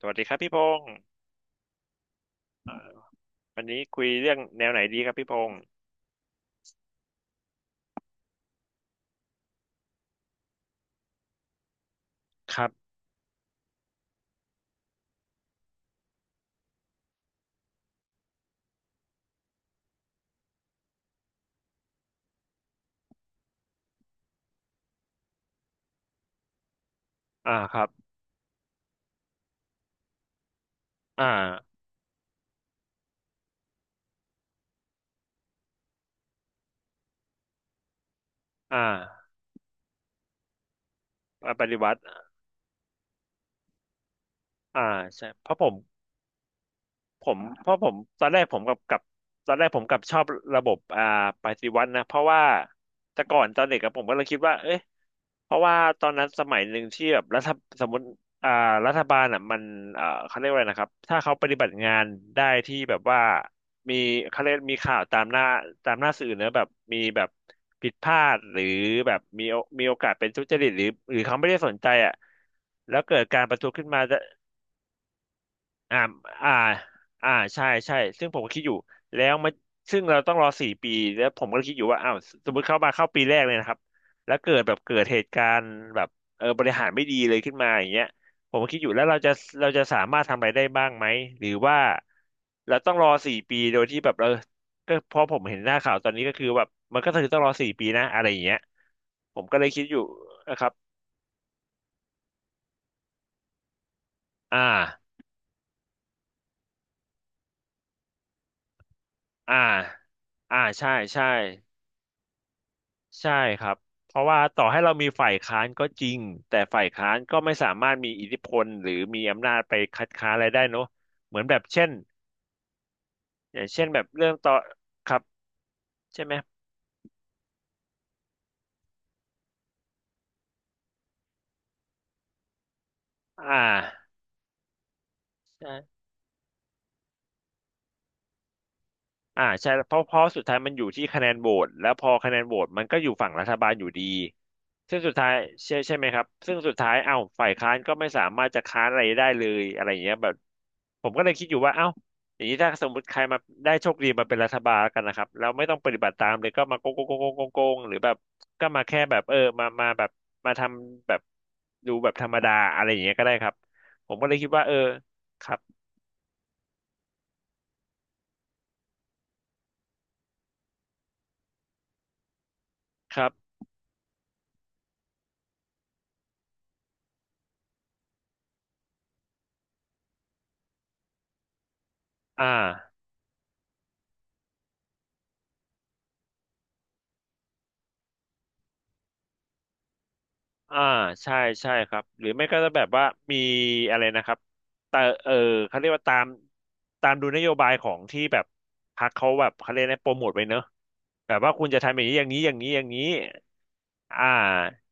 สวัสดีครับพี่พงศ์อ่าวันนี้คุยเรื่องแนวไหนดีครับพี่พงศ์ครับอ่าครับ อ่า อ่าปฏิวัติอ่าใช่เพราะผมผมเพราะผมตอนแรกผมกับตอนแรกผมกับชอบระบบอ่าปฏิวัตินะ เพราะว่าแต่ก่อนตอนเด็กกับผมก็เลยคิดว่าเอ๊ะ เพราะว่าตอนนั้นสมัยหนึ่งที่แบบรัฐสมมติอ่ารัฐบาลอ่ะมันเขาเรียกว่าอะไรนะครับถ้าเขาปฏิบัติงานได้ที่แบบว่ามีเขาเรียกมีข่าวตามหน้าตามหน้าสื่อเนอะแบบมีแบบผิดพลาดหรือแบบมีโอกาสเป็นทุจริตหรือหรือเขาไม่ได้สนใจอ่ะแล้วเกิดการประท้วงขึ้นมา อ่าอ่าอ่าใช่ใช่ซึ่งผมก็คิดอยู่ แล้วมาซึ่งเราต้องรอสี่ปีแล้วผมก็คิดอยู่ว่าอ้าวสมมติเข้ามาเข้าปีแรกเลยนะครับแล้วเกิดแบบเกิดเหตุการณ์แบบเออบริหารไม่ดีเลยขึ้นมาอย่างเงี้ยผมก็คิดอยู่แล้วเราจะเราจะสามารถทำอะไรได้บ้างไหมหรือว่าเราต้องรอสี่ปีโดยที่แบบเออก็เพราะผมเห็นหน้าข่าวตอนนี้ก็คือแบบมันก็คือต้องรอสี่ปีนะอะไรอย่างเงี้ยผมก็เลยคิดอยู่นะครับอ่าอ่าอ่าใช่ใช่ ใช่ครับเพราะว่าต่อให้เรามีฝ่ายค้านก็จริงแต่ฝ่ายค้านก็ไม่สามารถมีอิทธิพลหรือมีอำนาจไปคัดค้านอะไรได้เนอะเหมือนแบบเช่นอย่างเช่นแบบเรื่องต่อครับใช่ไหมอ่าใช่ อ่าใช่เพราะสุดท้ายมันอยู่ที่คะแนนโหวตแล้วพอคะแนนโหวตมันก็อยู่ฝั่งรัฐบาลอยู่ดีซึ่งสุดท้ายใช่ใช่ไหมครับซึ่งสุดท้ายเอ้าฝ่ายค้านก็ไม่สามารถจะค้านอะไรได้เลยอะไรอย่างเงี้ยแบบผมก็เลยคิดอยู่ว่าเอ้าอย่างนี้ถ้าสมมติใครมาได้โชคดีมาเป็นรัฐบาลแล้วกันนะครับแล้วไม่ต้องปฏิบัติตามเลยก็มาโกงโกงโกงโกงโกงหรือแบบก็มาแค่แบบเออมาแบบมาทำแบบดูแบบธรรมดาอะไรอย่างเงี้ยก็ได้ครับผมก็เลยคิดว่าเออครับครับอ่า อ่าใช่ใช่ครับหรือไม่ก็จะแบบว่ามีอะไรนะครับแต่เออเขาเรียกว่าตามดูนโยบายของที่แบบพรรคเขาแบบเขาเรียกนะโปรโมทไว้เนอะแบบว่าคุณจะทำอย่างนี้อย่างนี้อย่างนี้อย่างนี้อ่า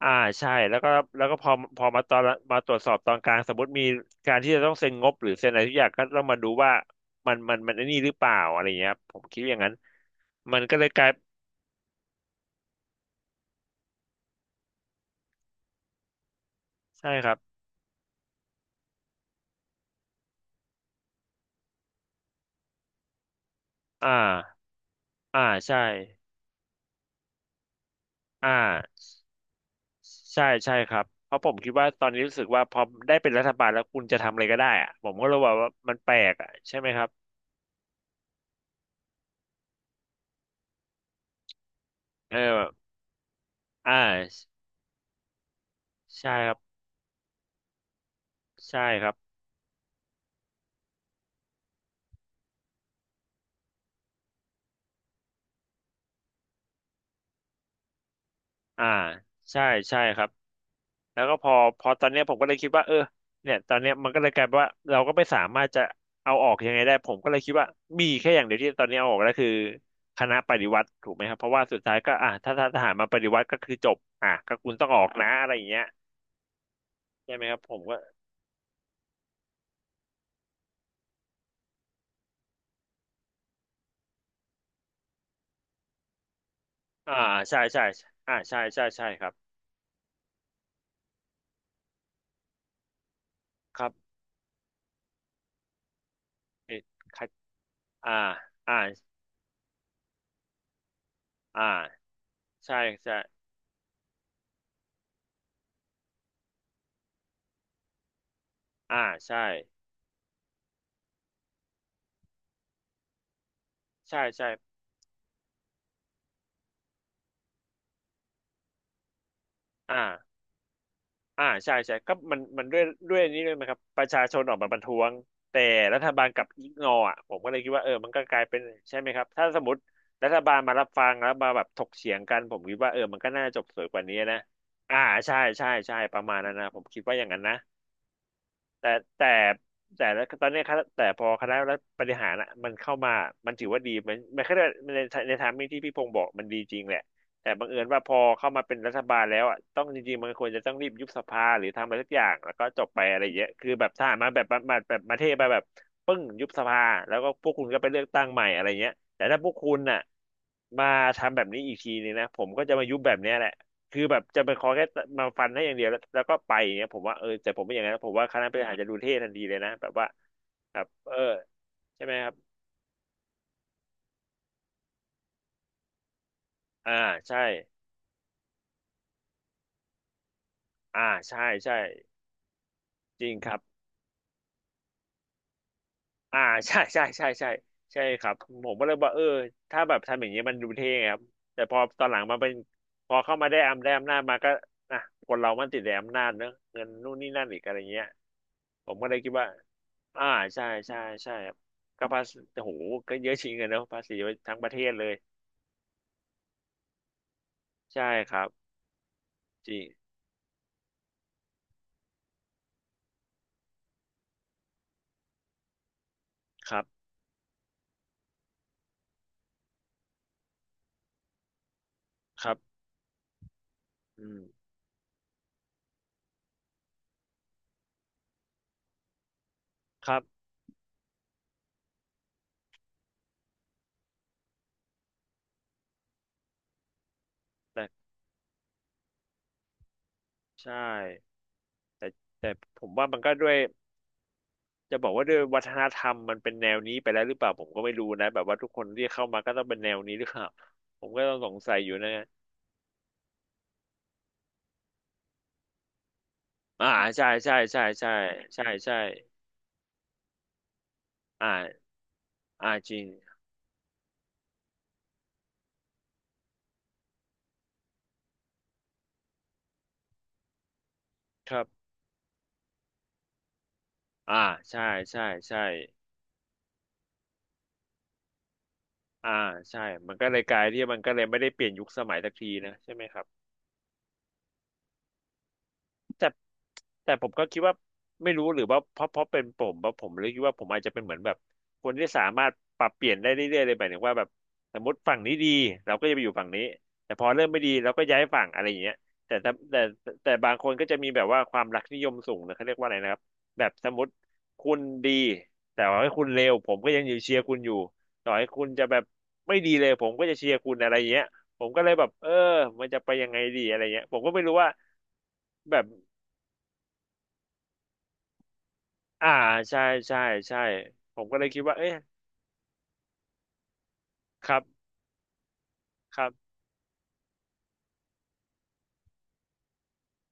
อ่าใช่แล้วก็แล้วก็พอมาตอนมาตรวจสอบตอนกลางสมมติมีการที่จะต้องเซ็นงบหรือเซ็นอะไรทุกอย่างก็ต้องมาดูว่ามันไอ้นี่หรือเปล่าอะไรอย่างเงี้ยครับผมคิดอย่างนั้นมันก็เลยกลายใช่ครับอ่าอ่าใช่อ่า ใช่ใช่ครับเพราะผมคิดว่าตอนนี้รู้สึกว่าพอได้เป็นรัฐบาลแล้วคุณจะทำอะไรก็ได้อะผมก็เลยว่ามันแปลกอะใช่ไหมครับเออแบบอ่าใช่ครับใช่ครับอ่าใช่ใช่ครับแล้วก็พอพอตอนเนี้ยผมก็เลยคิดว่าเออเนี่ยตอนเนี้ยมันก็เลยกลายเป็นว่าเราก็ไม่สามารถจะเอาออกยังไงได้ผมก็เลยคิดว่ามีแค่อย่างเดียวที่ตอนนี้เอาออกก็คือคณะปฏิวัติถูกไหมครับเพราะว่าสุดท้ายก็อ่ะถ้าทหารมาปฏิวัติก็คือจบอ่ะก็คุณต้องออกนะอะไรอย่างเงี้ยใช่ไหมครับผมก็ อ่าใช่ใช่อ่าใช่ใช่ใช่ครับครับเอ็ดคัดอ่าอ่าอ่าใช่ใช่อ่าใช่ใช่ใช่อ่าอ่าใช่ใช่ก็มันด้วยด้วยนี้ด้วยไหมครับประชาชนออกมาประท้วงแต่รัฐบาลกลับอิกนออ่ะผมก็เลยคิดว่าเออมันก็กลายเป็นใช่ไหมครับถ้าสมมติรัฐบาลมารับฟังแล้วมาแบบถกเถียงกันผมคิดว่าเออมันก็น่าจะจบสวยกว่านี้นะอ่าใช่ใช่ใช่ประมาณนั้นนะผมคิดว่าอย่างนั้นนะ แต่แต่แต่แล้วตอนนี้คณะพอคณะรัฐบริหารอ่ะมันเข้ามามันถือว่าดีมันแค่ได้ในในทางที่พี่พงศ์บอกมันดีจริงแหละแต่บังเอิญว่าพอเข้ามาเป็นรัฐบาลแล้วอ่ะต้องจริงๆมันควรจะต้องรีบยุบสภาหรือทำอะไรสักอย่างแล้วก็จบไปอะไรเงี้ยคือแบบทหารมาแบบมาแบบมาเทไปแบบปึ้งยุบสภาแล้วก็พวกคุณก็ไปเลือกตั้งใหม่อะไรเงี้ยแต่ถ้าพวกคุณน่ะมาทำแบบนี้อีกทีนึงนะผมก็จะมายุบแบบเนี้ยแหละ คือแบบจะไปขอแค่มาฟันให้อย่างเดียวแล้วก็ไปอย่างเงี้ยผมว่าเออแต่ผมไม่อย่างนั้นนะผมว่าคณะบริหารจะดูเท่ทันทีเลยนะแบบว่าแบบเออใช่ไหมครับอ่าใช่อ่าใช่ใช่จริงครับอ่าใช่ใช่ใช่ใช่ใช่ครับผมก็เลยบอกเออถ้าแบบทำอย่างเงี้ยมันดูเท่ไงครับแต่พอตอนหลังมาเป็นพอเข้ามาได้อำนาจมาก็นะคนเรามันติดแต่อำนาจเนอะเงินนู่นนี่นั่นอีกอะไรเงี้ยผมก็เลยคิดว่า อ่าใช่ใช่ใช่ครับก็ภาษีโอ้โหก็เยอะจริงอเนอะภาษีไว้ทั้งประเทศเลยใช่ครับจริงครับครับอืมครับแต่ใช่แต่แต่ผมว่ามันก็ด้วยจะบอกว่าด้วยวัฒนธรรมมันเป็นแนวนี้ไปแล้วหรือเปล่าผมก็ไม่รู้นะแบบว่าทุกคนที่เข้ามาก็ต้องเป็นแนวนี้หรือเปล่าผมก็ต้องสงสัยอยู่นะอ่าใช่ใช่ใช่ใช่ใช่ใช่อ่าอ่าจริงครับอ่าใช่ใช่ใช่ อ่าใช่ มันก็เลยกลายที่มันก็เลยไม่ได้เปลี่ยนยุคสมัยสักทีนะใช่ไหมครับ แต่แต่ผมก็คิดว่าไม่รู้หรือว่าเพราะเป็นผมเพราะผมเลยคิดว่าผมอาจจะเป็นเหมือนแบบคนที่สามารถปรับเปลี่ยนได้เรื่อยๆเลยหมายถึงว่าแบบสมมติฝั่งนี้ดีเราก็จะไปอยู่ฝั่งนี้แต่พอเริ่มไม่ดีเราก็ย้ายฝั่งอะไรอย่างเงี้ยแต่ถ้าแต่แต่แต่บางคนก็จะมีแบบว่าความรักนิยมสูงนะเขาเรียกว่าอะไรนะครับแบบสมมติคุณดีแต่ว่าให้คุณเลวผมก็ยังอยู่เชียร์คุณอยู่ต่อให้คุณจะแบบไม่ดีเลยผมก็จะเชียร์คุณอะไรอย่างเงี้ยผมก็เลยแบบเออมันจะไปยังไงดีอะไรเงี้ยผมก็ไม่รู้ว่าแบบ อ่าใช่ใช่ใช่ผมก็เลยคิดว่าเอ๊ะครับครับ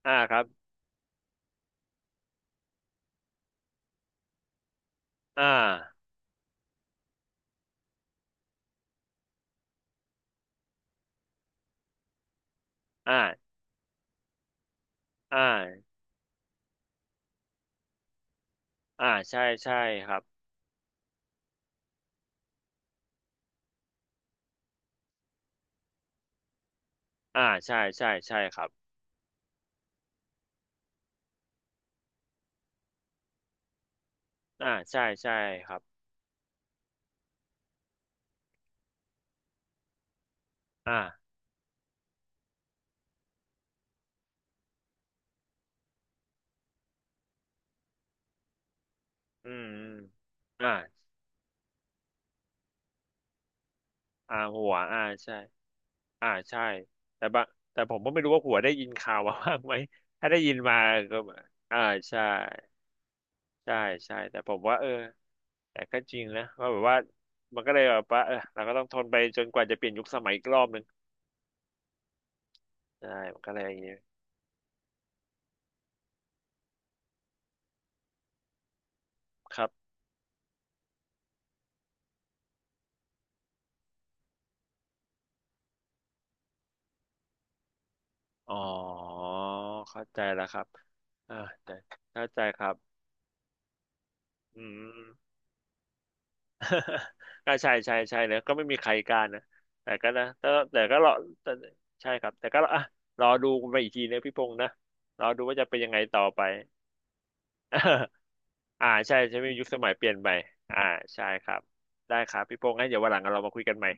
อ่าครับอ่าอ่าอ่าอ่าใช่ใช่ครับอ่าใช่ใช่ใช่ครับอ่าใช่ใช่ครับอ่าอืมอืมอ่าอ่าหัวอ่าใช่อ่าใช่แต่บะแต่ผมก็ไม่รู้ว่าหัวได้ยินข่าวมาบ้างไหม ถ้าได้ยินมาก็อ่าใช่ใช่ใช่แต่ผมว่าเออแต่ก็จริงนะว่าแบบว่ามันก็เลยแบบว่าเออเราก็ต้องทนไปจนกว่าจะเปลี่ยนยุคสมัยอีกรอบหนึ่ง ใช่มันก็เลยอย่างงี้ครับอ๋อเข้าใจแล้วครับอ่าแต่เข้าใจครับอืม ก็ใช่ใช่ใช่เนี่ยก็ไม่มีใครกล้านะแต่ก็นะแต่ก็รอแต่ใช่ครับแต่ก็รออ่ะรอดูกันไปอีกทีนะพี่พงษ์นะรอดูว่าจะเป็นยังไงต่อไป อ่าใช่ใช่ไหมยุคสมัยเปลี่ยนไปอ่าใช่ครับได้ครับพี่พงษ์งั้นเดี๋ยววันหลังเรามาคุยกันใหม่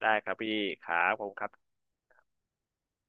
ได้ครับพี่ครับผมครับ